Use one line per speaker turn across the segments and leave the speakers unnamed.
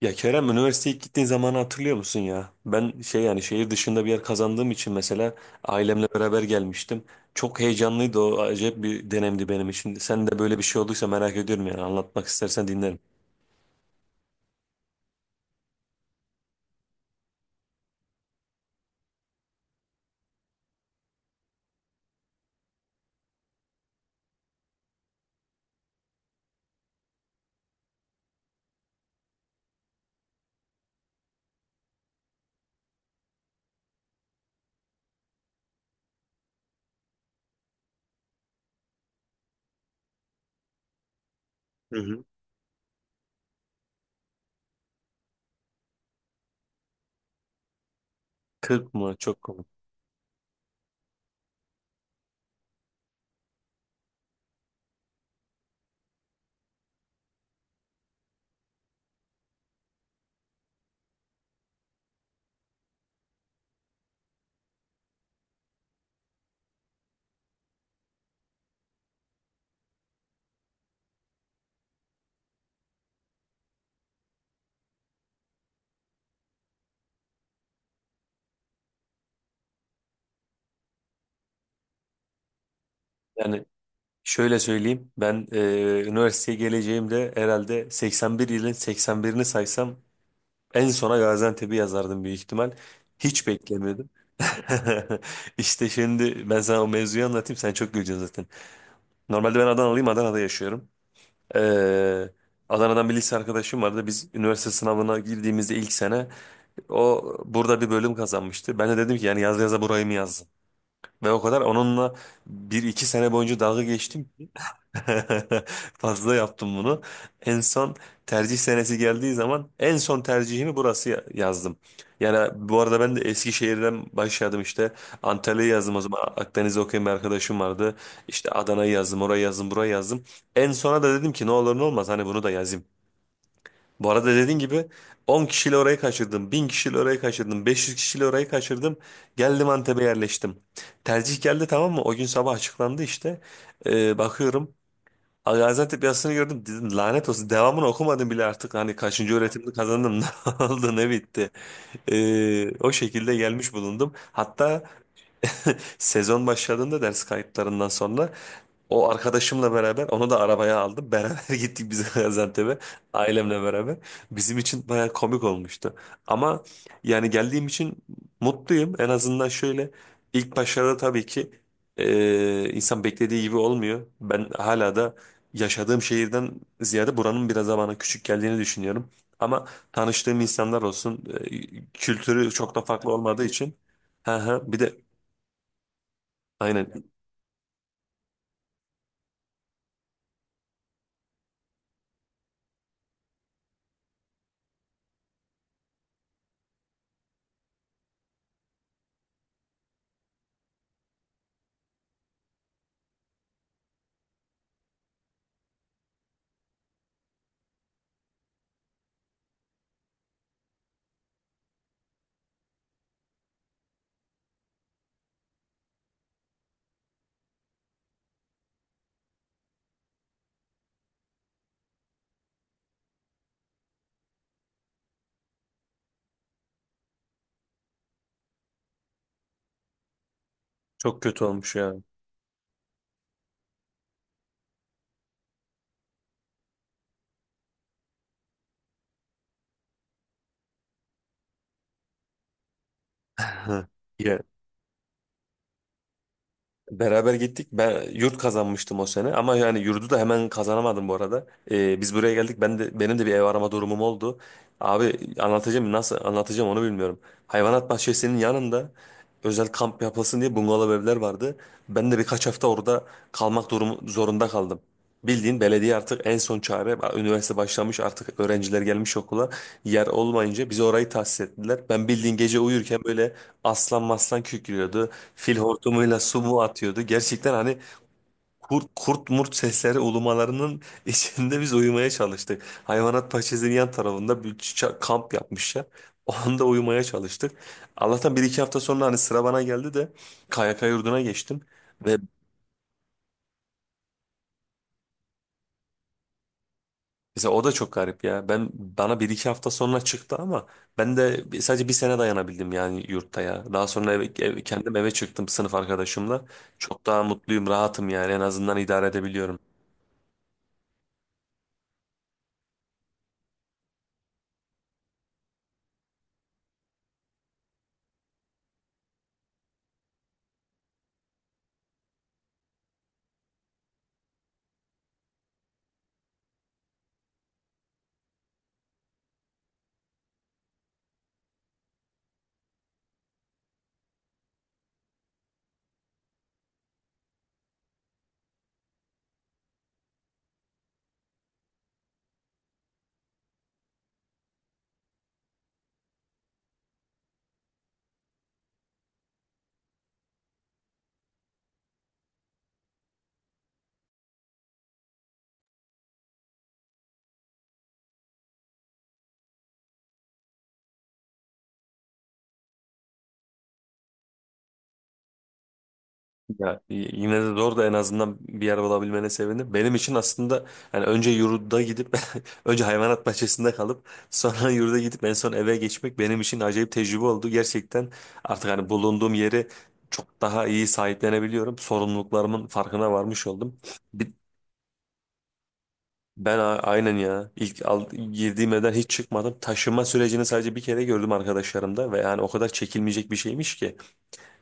Ya Kerem üniversiteye ilk gittiğin zamanı hatırlıyor musun ya? Ben şey yani şehir dışında bir yer kazandığım için mesela ailemle beraber gelmiştim. Çok heyecanlıydı, o acayip bir dönemdi benim için. Sen de böyle bir şey olduysa merak ediyorum, yani anlatmak istersen dinlerim. Hı hı. 40 mı? Çok komik. Yani şöyle söyleyeyim, ben üniversiteye geleceğimde herhalde 81 yılın 81'ini saysam en sona Gaziantep'i yazardım büyük ihtimal. Hiç beklemiyordum. İşte şimdi ben sana o mevzuyu anlatayım, sen çok güleceksin zaten. Normalde ben Adanalıyım. Adana'da yaşıyorum. Ee, Adana'dan bir lise arkadaşım vardı. Biz üniversite sınavına girdiğimizde ilk sene o burada bir bölüm kazanmıştı. Ben de dedim ki yani yaz yaza burayı mı yazdım? Ve o kadar onunla bir iki sene boyunca dalga geçtim. Fazla yaptım bunu. En son tercih senesi geldiği zaman en son tercihimi burası yazdım. Yani bu arada ben de Eskişehir'den başladım işte. Antalya'yı yazdım o zaman. Akdeniz'de okuyan bir arkadaşım vardı. İşte Adana'yı yazdım, orayı yazdım, burayı yazdım. En sona da dedim ki ne olur ne olmaz hani bunu da yazayım. Bu arada dediğin gibi 10 kişiyle orayı kaçırdım, 1000 kişiyle orayı kaçırdım, 500 kişiyle orayı kaçırdım. Geldim Antep'e yerleştim. Tercih geldi, tamam mı? O gün sabah açıklandı işte. Bakıyorum, Gaziantep yazısını gördüm, dedim lanet olsun, devamını okumadım bile artık hani kaçıncı öğretimde kazandım ne oldu ne bitti. O şekilde gelmiş bulundum hatta. Sezon başladığında ders kayıtlarından sonra o arkadaşımla beraber onu da arabaya aldım. Beraber gittik biz Gaziantep'e ailemle beraber. Bizim için baya komik olmuştu. Ama yani geldiğim için mutluyum. En azından şöyle ilk başlarda tabii ki insan beklediği gibi olmuyor. Ben hala da yaşadığım şehirden ziyade buranın biraz daha bana küçük geldiğini düşünüyorum. Ama tanıştığım insanlar olsun, kültürü çok da farklı olmadığı için. Hı hı. Bir de aynen. Çok kötü olmuş ya. Ha. Ya, beraber gittik. Ben yurt kazanmıştım o sene, ama yani yurdu da hemen kazanamadım bu arada. Biz buraya geldik. Ben de benim de bir ev arama durumum oldu. Abi anlatacağım, nasıl anlatacağım onu bilmiyorum. Hayvanat bahçesinin yanında özel kamp yapılsın diye bungalov evler vardı. Ben de birkaç hafta orada kalmak durumu zorunda kaldım. Bildiğin belediye artık en son çare. Üniversite başlamış artık, öğrenciler gelmiş okula. Yer olmayınca bize orayı tahsis ettiler. Ben bildiğin gece uyurken böyle aslan maslan kükrüyordu. Fil hortumuyla su mu atıyordu? Gerçekten hani kurt kurt murt sesleri ulumalarının içinde biz uyumaya çalıştık. Hayvanat bahçesinin yan tarafında bir kamp yapmışlar. O anda uyumaya çalıştık. Allah'tan bir iki hafta sonra hani sıra bana geldi de KYK yurduna geçtim. Ve mesela o da çok garip ya. Ben bana bir iki hafta sonra çıktı ama ben de sadece bir sene dayanabildim yani yurtta ya. Daha sonra eve, kendim eve çıktım sınıf arkadaşımla. Çok daha mutluyum, rahatım yani, en azından idare edebiliyorum. Ya yine de zor da, en azından bir yer bulabilmene sevindim. Benim için aslında yani önce yurda gidip önce hayvanat bahçesinde kalıp sonra yurda gidip en son eve geçmek benim için acayip tecrübe oldu. Gerçekten artık hani bulunduğum yeri çok daha iyi sahiplenebiliyorum. Sorumluluklarımın farkına varmış oldum. Bir- Ben aynen ya, ilk girdiğim evden hiç çıkmadım. Taşınma sürecini sadece bir kere gördüm arkadaşlarımda ve yani o kadar çekilmeyecek bir şeymiş ki.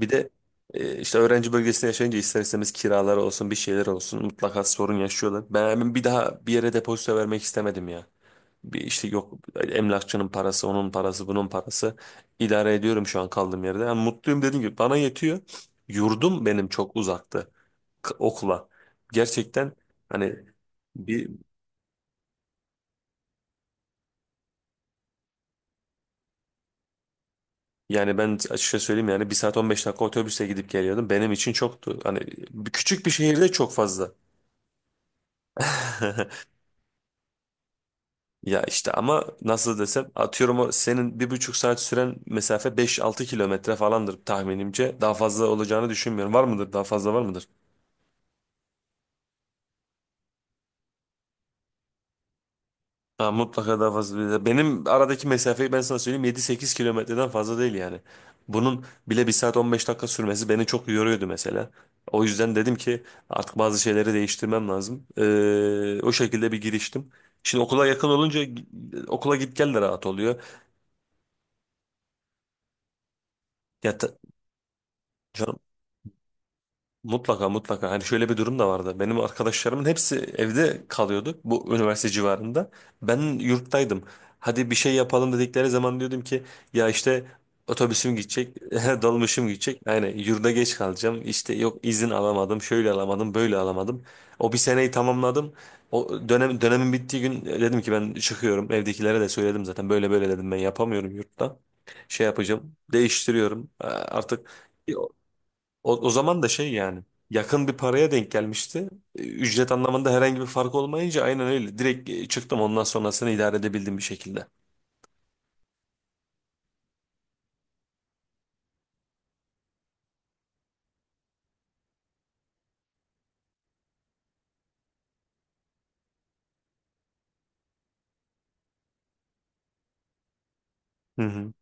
Bir de işte öğrenci bölgesinde yaşayınca ister istemez kiralar olsun bir şeyler olsun mutlaka sorun yaşıyorlar. Ben hemen bir daha bir yere depozito vermek istemedim ya. Bir işte yok, emlakçının parası, onun parası, bunun parası, idare ediyorum şu an kaldığım yerde. Yani mutluyum, dediğim gibi bana yetiyor. Yurdum benim çok uzaktı okula. Gerçekten hani bir yani ben açıkça söyleyeyim yani bir saat 15 dakika otobüse gidip geliyordum. Benim için çoktu. Hani küçük bir şehirde çok fazla. Ya işte ama nasıl desem atıyorum, o senin 1,5 saat süren mesafe 5-6 kilometre falandır tahminimce. Daha fazla olacağını düşünmüyorum. Var mıdır? Daha fazla var mıdır? Ha, mutlaka daha fazla. Benim aradaki mesafeyi ben sana söyleyeyim, 7-8 kilometreden fazla değil yani. Bunun bile bir saat 15 dakika sürmesi beni çok yoruyordu mesela. O yüzden dedim ki artık bazı şeyleri değiştirmem lazım. O şekilde bir giriştim. Şimdi okula yakın olunca okula git gel de rahat oluyor. Ya ta- Mutlaka mutlaka. Hani şöyle bir durum da vardı. Benim arkadaşlarımın hepsi evde kalıyordu bu üniversite civarında. Ben yurttaydım. Hadi bir şey yapalım dedikleri zaman diyordum ki ya işte otobüsüm gidecek, dolmuşum gidecek. Yani yurda geç kalacağım. İşte yok izin alamadım, şöyle alamadım, böyle alamadım. O bir seneyi tamamladım. O dönem dönemin bittiği gün dedim ki ben çıkıyorum. Evdekilere de söyledim zaten. Böyle böyle dedim, ben yapamıyorum yurtta. Şey yapacağım. Değiştiriyorum. Artık o zaman da şey yani yakın bir paraya denk gelmişti. Ücret anlamında herhangi bir fark olmayınca aynen öyle. Direkt çıktım, ondan sonrasını idare edebildim bir şekilde. Hı hı.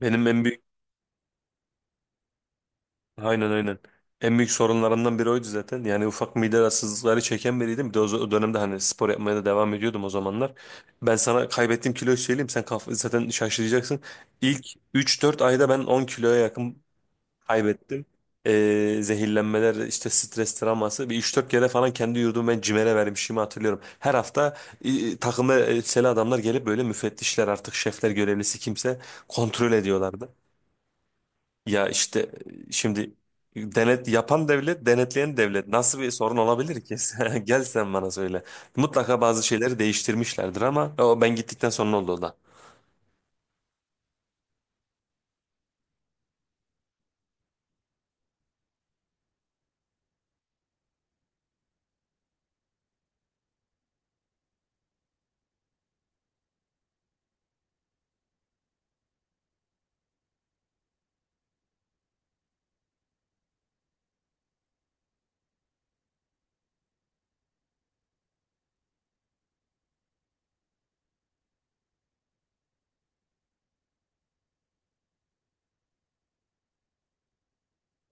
Benim en büyük, aynen aynen. En büyük sorunlarımdan biri oydu zaten. Yani ufak mide rahatsızlıkları çeken biriydim. Bir de o dönemde hani spor yapmaya da devam ediyordum o zamanlar. Ben sana kaybettiğim kiloyu söyleyeyim. Sen kaf zaten şaşıracaksın. İlk 3-4 ayda ben 10 kiloya yakın kaybettim. Zehirlenmeler, işte stres travması. Bir 3 dört kere falan kendi yurdumu ben CİMER'e vermişimi hatırlıyorum. Her hafta takımda elbiseli adamlar gelip böyle müfettişler artık şefler görevlisi kimse kontrol ediyorlardı. Ya işte şimdi denet yapan devlet, denetleyen devlet nasıl bir sorun olabilir ki? Gel sen bana söyle. Mutlaka bazı şeyleri değiştirmişlerdir, ama o ben gittikten sonra oldu o da.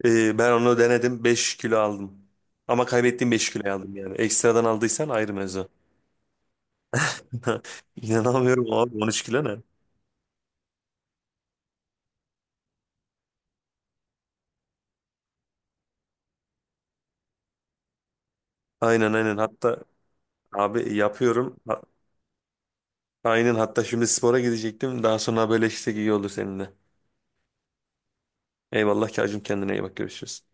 Ben onu denedim, 5 kilo aldım. Ama kaybettiğim 5 kiloyu aldım yani. Ekstradan aldıysan ayrı mevzu. İnanamıyorum abi, 13 kilo ne? Aynen aynen, hatta abi yapıyorum. Aynen, hatta şimdi spora gidecektim. Daha sonra haberleşsek iyi olur seninle. Eyvallah Kacım, kendine iyi bak, görüşürüz.